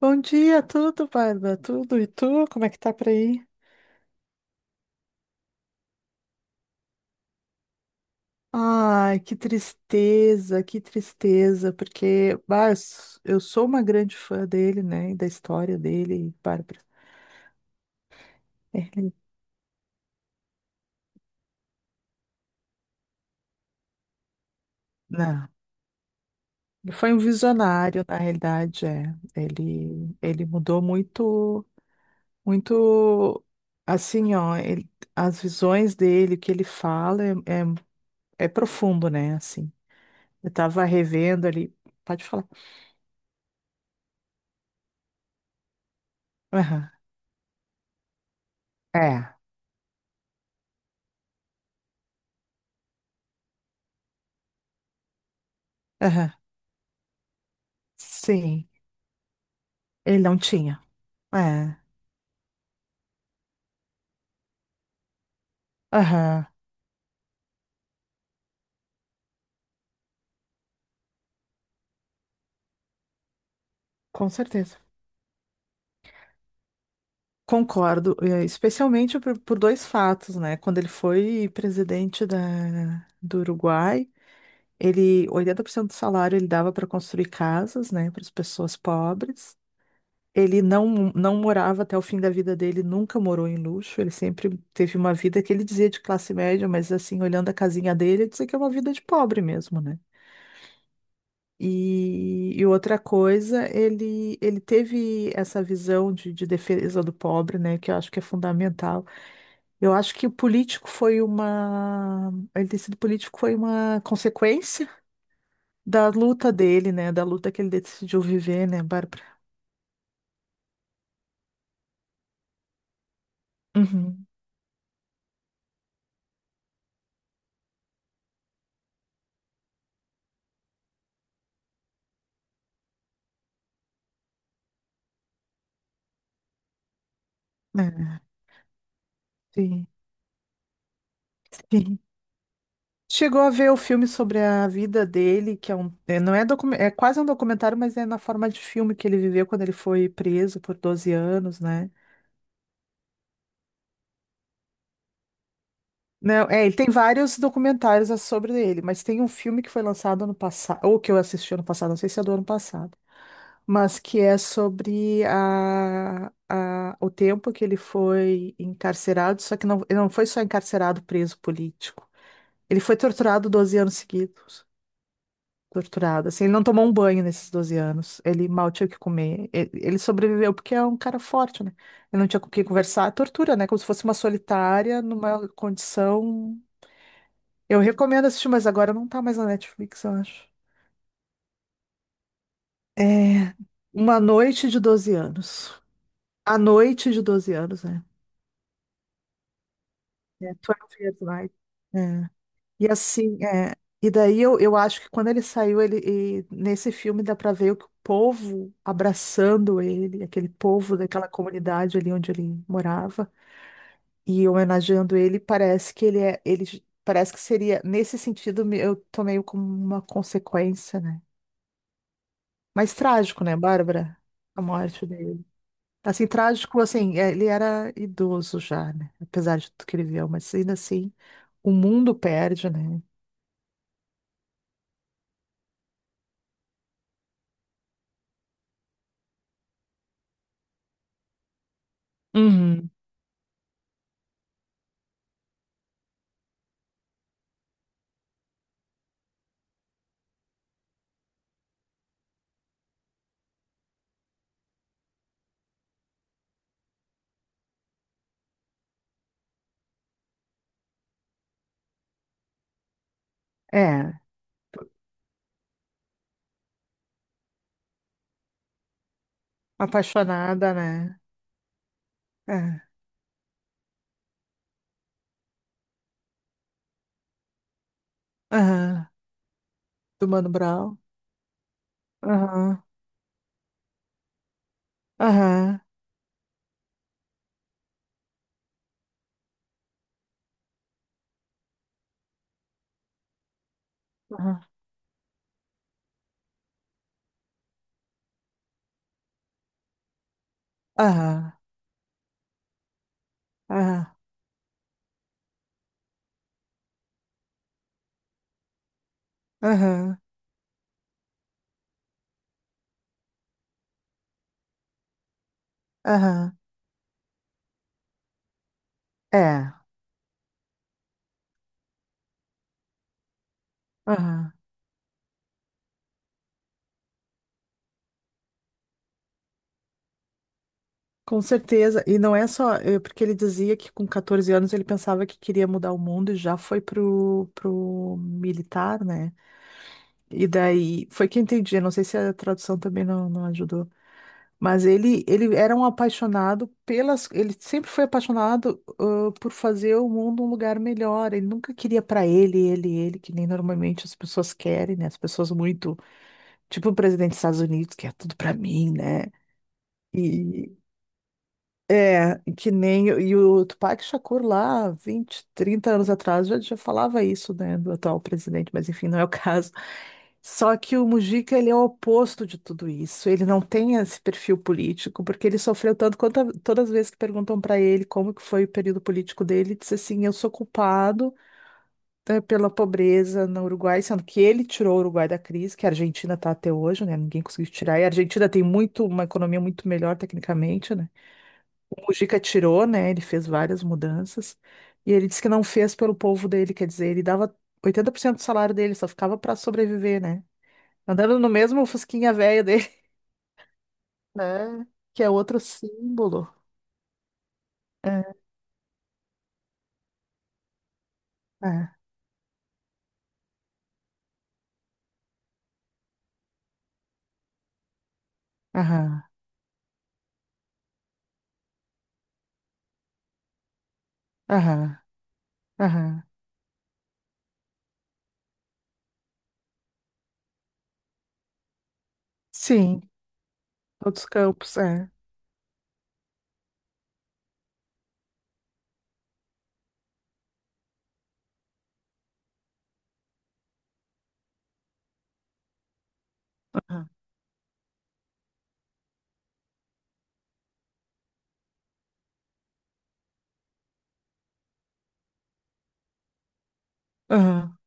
Bom dia, tudo, Bárbara? Tudo? E tu? Como é que tá por aí? Ai, que tristeza, porque bah, eu sou uma grande fã dele, né? E da história dele, Bárbara. Ele, não, ele foi um visionário, na realidade, é. Ele mudou muito, muito, assim, ó, as visões dele, o que ele fala é profundo, né? Assim, eu tava revendo ali, pode falar. Aham. É. Aham. Sim, ele não tinha. É, aham, com certeza. Concordo, é, especialmente por dois fatos, né? Quando ele foi presidente do Uruguai, ele, 80% do salário ele dava para construir casas, né, para as pessoas pobres. Ele não morava até o fim da vida dele, nunca morou em luxo, ele sempre teve uma vida que ele dizia de classe média, mas assim, olhando a casinha dele, ele dizia que é uma vida de pobre mesmo, né? E outra coisa, ele teve essa visão de defesa do pobre, né, que eu acho que é fundamental. Eu acho que o político foi uma. Ele ter sido político foi uma consequência da luta dele, né, da luta que ele decidiu viver, né, Bárbara? Uhum. É, sim, sim. Chegou a ver o filme sobre a vida dele, que é um, é, não é, é quase um documentário, mas é na forma de filme que ele viveu quando ele foi preso por 12 anos, né? Não, é, ele tem vários documentários sobre ele, mas tem um filme que foi lançado ano passado, ou que eu assisti ano passado, não sei se é do ano passado, mas que é sobre a, o tempo que ele foi encarcerado, só que não, ele não foi só encarcerado preso político. Ele foi torturado 12 anos seguidos. Torturado, assim, ele não tomou um banho nesses 12 anos, ele mal tinha o que comer. Ele sobreviveu porque é um cara forte, né? Ele não tinha com quem conversar, tortura, né? Como se fosse uma solitária numa condição. Eu recomendo assistir, mas agora não tá mais na Netflix, eu acho. É Uma Noite de 12 Anos. A Noite de 12 Anos, né? É, 12 Years Night. É. E assim, é, e daí eu acho que quando ele saiu, e nesse filme dá pra ver o que o povo abraçando ele, aquele povo daquela comunidade ali onde ele morava, e homenageando ele, parece que ele é, ele j- parece que seria, nesse sentido, eu tomei como uma consequência, né? Mas trágico, né, Bárbara? A morte dele. Assim, trágico, assim, é, ele era idoso já, né? Apesar de tudo que ele viveu, mas ainda assim, o mundo perde, né? Uhum. É, apaixonada, né? É. Aham. Do Mano Brown. Aham. Aham. Aham. Aham. Aham. Aham. Aham. É. Aham. Com certeza, e não é só, porque ele dizia que com 14 anos ele pensava que queria mudar o mundo e já foi pro militar, né? E daí, foi que eu entendi, eu não sei se a tradução também não ajudou, mas ele era um apaixonado ele sempre foi apaixonado, por fazer o mundo um lugar melhor, ele nunca queria para ele, que nem normalmente as pessoas querem, né? As pessoas muito, tipo o presidente dos Estados Unidos, que é tudo para mim, né? E, é, que nem. E o Tupac Shakur lá, 20 30 anos atrás, já falava isso, né, do atual presidente, mas enfim, não é o caso. Só que o Mujica, ele é o oposto de tudo isso. Ele não tem esse perfil político, porque ele sofreu tanto quanto todas as vezes que perguntam para ele como que foi o período político dele, ele disse assim: eu sou culpado, pela pobreza no Uruguai, sendo que ele tirou o Uruguai da crise, que a Argentina está até hoje, né? Ninguém conseguiu tirar. E a Argentina tem uma economia muito melhor tecnicamente, né? O Mujica tirou, né? Ele fez várias mudanças. E ele disse que não fez pelo povo dele, quer dizer, ele dava 80% do salário dele, só ficava para sobreviver, né? Andando no mesmo fusquinha velho dele, né? Que é outro símbolo. É, é. Aham, aham, aham. Sim, outros campos, é. Aham, aham,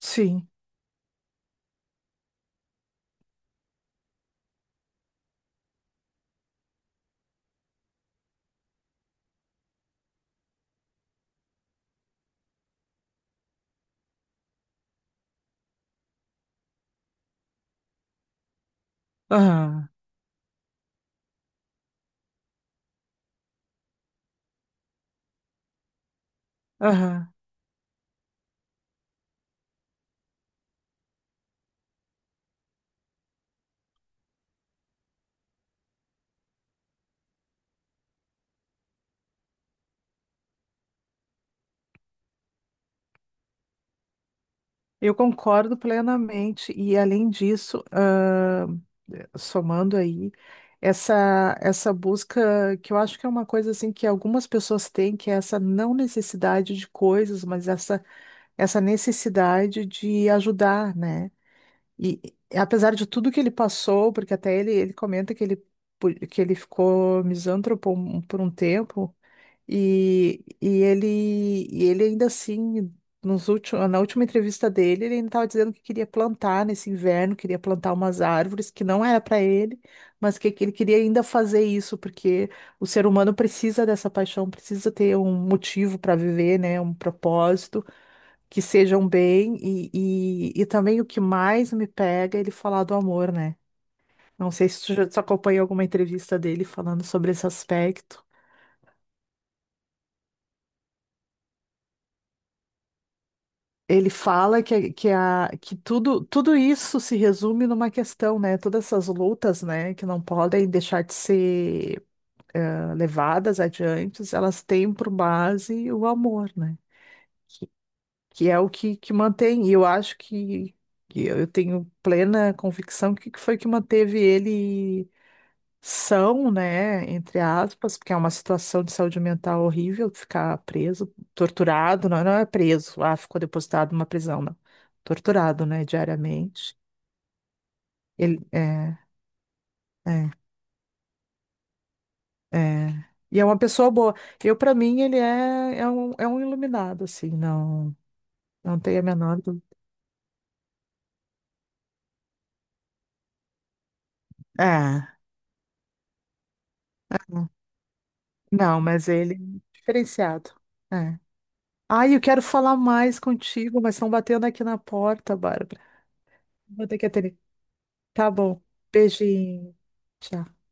sim, aham, aham. Eu concordo plenamente. E além disso, ah, somando aí, essa busca que eu acho que é uma coisa assim que algumas pessoas têm, que é essa não necessidade de coisas, mas essa necessidade de ajudar, né? E e apesar de tudo que ele passou, porque até ele comenta que ele ficou misântropo por um tempo. E, e ele, e ele ainda assim, na última entrevista dele, ele ainda estava dizendo que queria plantar nesse inverno, queria plantar umas árvores que não era para ele, mas que ele queria ainda fazer isso, porque o ser humano precisa dessa paixão, precisa ter um motivo para viver, né? Um propósito, que seja um bem. E também o que mais me pega é ele falar do amor, né? Não sei se tu acompanhou alguma entrevista dele falando sobre esse aspecto. Ele fala que tudo, tudo isso se resume numa questão, né? Todas essas lutas, né, que não podem deixar de ser levadas adiante, elas têm por base o amor, né? Que é o que mantém. E eu acho que eu tenho plena convicção que foi que manteve ele são, né, entre aspas, porque é uma situação de saúde mental horrível ficar preso, torturado, não, não é preso, ficou depositado numa prisão, não. Torturado, né, diariamente. Ele é, é. E é uma pessoa boa. Para mim, ele é um iluminado, assim, não, não tem a menor dúvida. É, não, mas ele é diferenciado. É. Ai, eu quero falar mais contigo, mas estão batendo aqui na porta, Bárbara. Vou ter que atender. Tá bom. Beijinho. Tchau.